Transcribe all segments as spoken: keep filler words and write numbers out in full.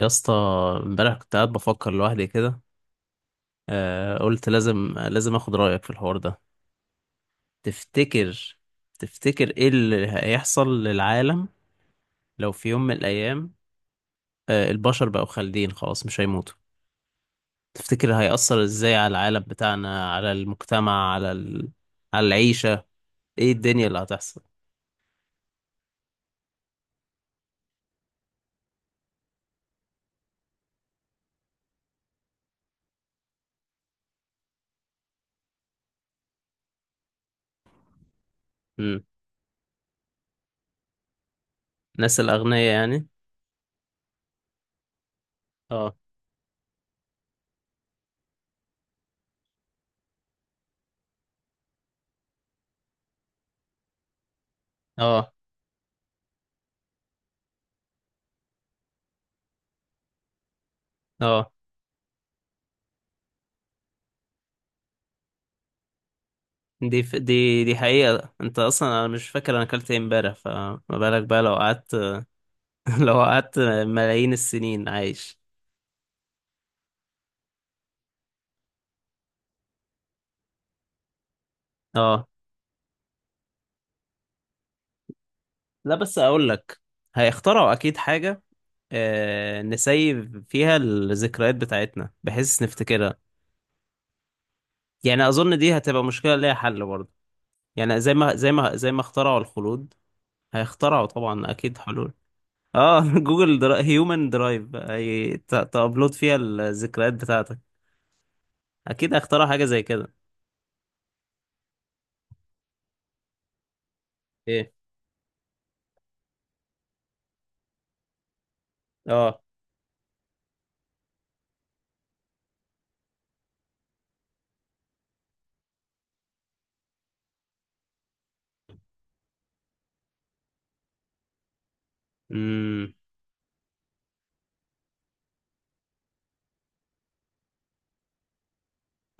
يا اسطى، امبارح كنت قاعد بفكر لوحدي كده. آه قلت لازم لازم اخد رأيك في الحوار ده. تفتكر تفتكر ايه اللي هيحصل للعالم؟ لو في يوم من الايام آه البشر بقوا خالدين خلاص مش هيموتوا. تفتكر هيأثر ازاي على العالم بتاعنا، على المجتمع، على ال... على العيشة؟ ايه الدنيا اللي هتحصل؟ امم. الناس الأغنياء يعني؟ اه، اه، اه. دي ف... دي دي حقيقة. انت اصلا انا مش فاكر انا اكلت ايه امبارح، فما بالك بقى لو قعدت، لو قعدت ملايين السنين عايش؟ اه، لا بس اقول لك، هيخترعوا اكيد حاجه. آه نسيف فيها الذكريات بتاعتنا بحيث نفتكرها. يعني اظن دي هتبقى مشكله ليها حل برضه. يعني زي ما زي ما زي ما اخترعوا الخلود، هيخترعوا طبعا اكيد حلول. اه. جوجل درا... هيومن درايف هي... ت... تابلود فيها الذكريات بتاعتك. اكيد هيخترعوا حاجه زي كده. ايه؟ اه. امم.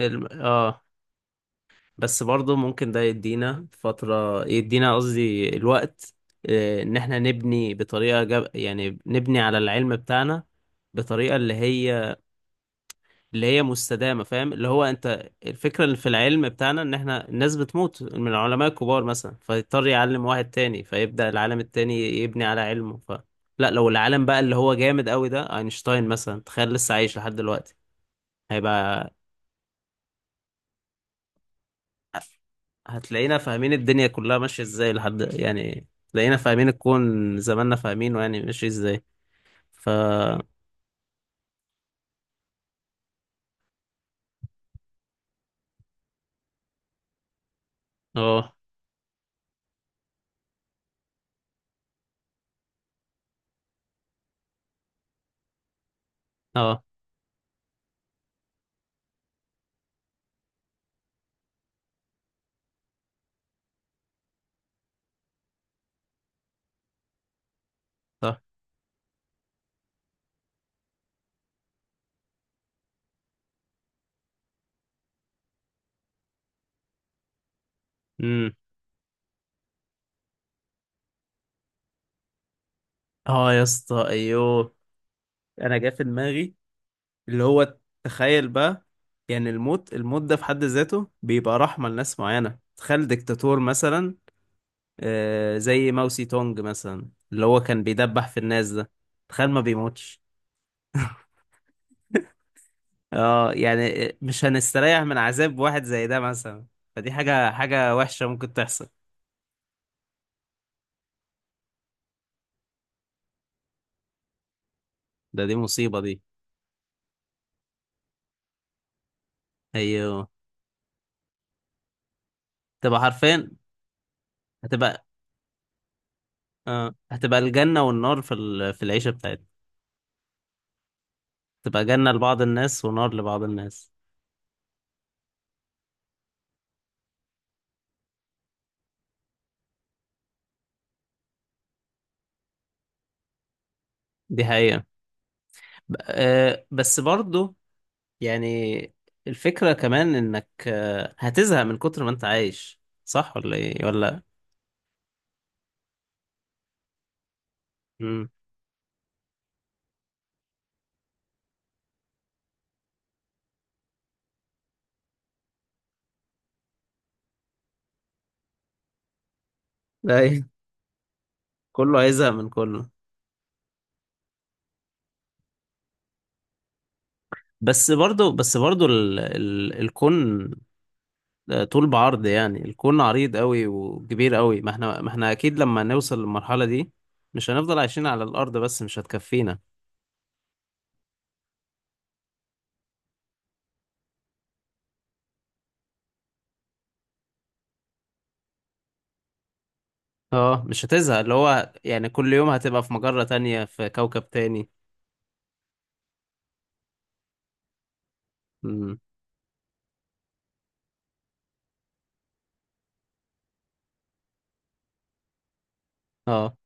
الم... اه. بس برضه ممكن ده يدينا فترة، يدينا قصدي الوقت، آه، ان احنا نبني بطريقة جب... يعني نبني على العلم بتاعنا، بطريقة اللي هي اللي هي مستدامة. فاهم؟ اللي هو انت، الفكرة اللي في العلم بتاعنا ان احنا الناس بتموت من العلماء الكبار مثلا، فيضطر يعلم واحد تاني، فيبدأ العالم التاني يبني على علمه. ف لا، لو العالم بقى اللي هو جامد قوي ده، اينشتاين مثلا، تخيل لسه عايش لحد دلوقتي. هيبقى هتلاقينا فاهمين الدنيا كلها ماشية ازاي لحد يعني، تلاقينا فاهمين الكون زماننا فاهمينه يعني ماشي ازاي. ف اه اه، صح. امم. اه، يا اسطى، ايوه. انا جا في دماغي اللي هو، تخيل بقى، يعني الموت الموت ده في حد ذاته بيبقى رحمة لناس معينة، تخيل ديكتاتور مثلا. آه زي ماوسي تونج مثلا اللي هو كان بيدبح في الناس ده. تخيل ما بيموتش. اه، يعني مش هنستريح من عذاب واحد زي ده مثلا؟ فدي حاجة حاجة وحشة ممكن تحصل. ده دي مصيبة دي. ايوه، تبقى حرفيا. هتبقى آه هتبقى الجنة والنار في ال... في العيشة بتاعتنا. تبقى جنة لبعض الناس ونار لبعض الناس. دي حقيقة. ب... آه بس برضو، يعني الفكرة كمان انك آه هتزهق من كتر ما انت عايش. صح ولا ايه ولا؟ امم. لا إيه. كله هيزهق من كله. بس برضو بس برضو ال ال الكون ده طول بعرض، يعني الكون عريض قوي وكبير قوي، ما احنا ما احنا اكيد لما نوصل للمرحلة دي، مش هنفضل عايشين على الارض بس، مش هتكفينا. اه، مش هتزهق اللي هو يعني كل يوم هتبقى في مجرة تانية، في كوكب تاني. امم. اه.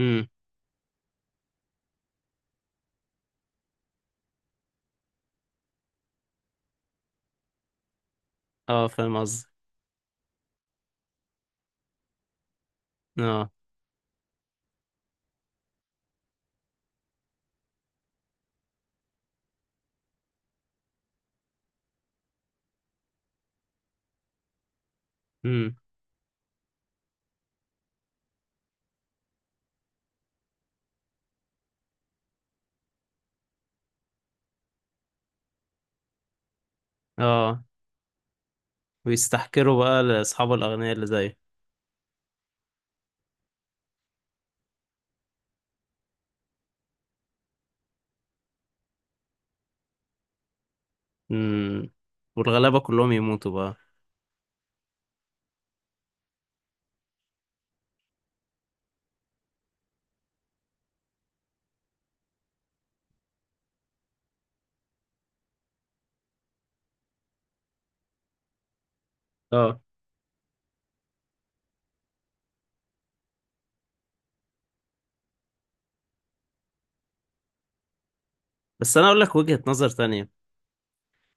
امم. اه، فاهم قصدي. اه. امم. اه، ويستحكروا بقى لاصحاب الاغنياء اللي زي. امم. والغلابة كلهم يموتوا بقى. اه، بس انا اقول لك وجهة نظر تانية.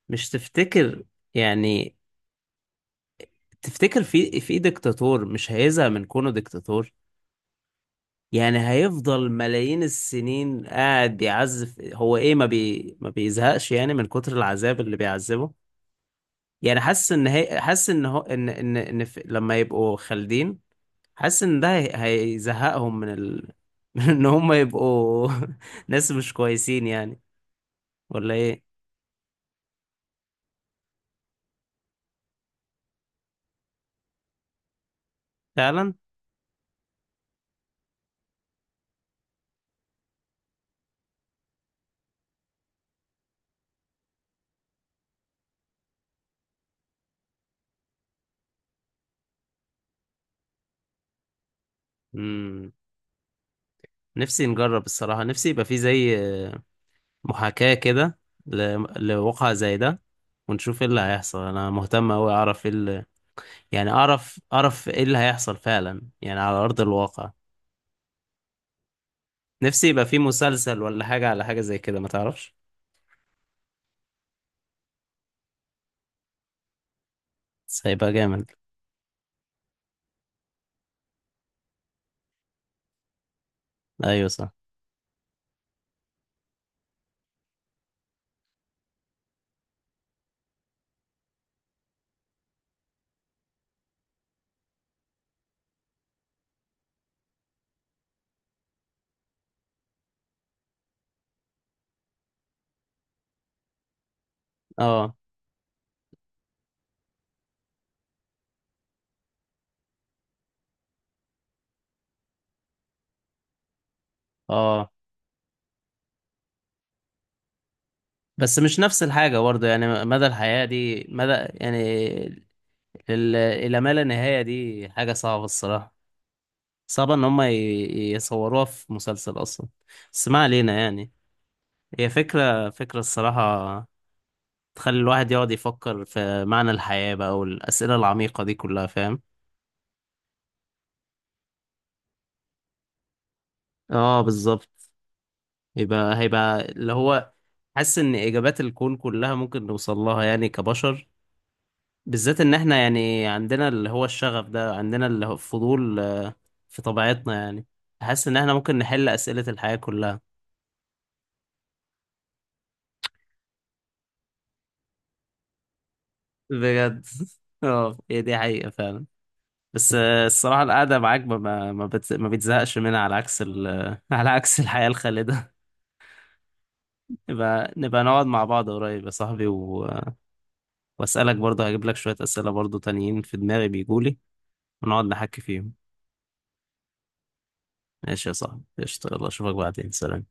مش تفتكر، يعني، تفتكر في في ديكتاتور مش هيزهق من كونه ديكتاتور؟ يعني هيفضل ملايين السنين قاعد يعذب، هو ايه، ما بي ما بيزهقش يعني من كتر العذاب اللي بيعذبه؟ يعني حاسس ان هي حاسس ان هو، ان ان, إن في... لما يبقوا خالدين، حاسس ان ده هي... هيزهقهم من ال... من ان هم يبقوا ناس مش كويسين يعني. ولا ايه؟ فعلا. امم. نفسي نجرب الصراحة، نفسي يبقى في زي محاكاة كده، ل- لواقع زي ده، ونشوف ايه اللي هيحصل. انا مهتم اوي اعرف ايه اللي، يعني اعرف اعرف ايه اللي هيحصل فعلا يعني على ارض الواقع. نفسي يبقى في مسلسل ولا حاجة، على حاجة زي كده، ما تعرفش. بس هيبقى جامد. ايوه، صح. اه، اه، بس مش نفس الحاجة برضه، يعني مدى الحياة دي مدى، يعني ال- الى ما لا نهاية دي حاجة صعبة الصراحة. صعبة ان هم ي- يصوروها في مسلسل اصلا. بس ما علينا يعني. هي فكرة فكرة الصراحة تخلي الواحد يقعد يفكر في معنى الحياة بقى والأسئلة العميقة دي كلها. فاهم؟ اه، بالظبط. يبقى هيبقى اللي هو، حاسس إن إجابات الكون كلها ممكن نوصل لها يعني كبشر، بالذات إن إحنا يعني عندنا اللي هو الشغف ده، عندنا اللي هو الفضول، آه، في طبيعتنا يعني. حاسس إن إحنا ممكن نحل أسئلة الحياة كلها. بجد. اه، هي دي حقيقة فعلا. بس آه، الصراحة القعدة معاك ما ما ما بتز- ما بتزهقش منها، على عكس ال على عكس الحياة الخالدة. نبقى نبقى نقعد مع بعض قريب يا صاحبي، و... وأسألك برضه، هجيب لك شوية أسئلة برضه تانيين في دماغي بيجولي، ونقعد نحكي فيهم. ماشي يا صاحبي، قشطة، يلا أشوفك بعدين، سلام.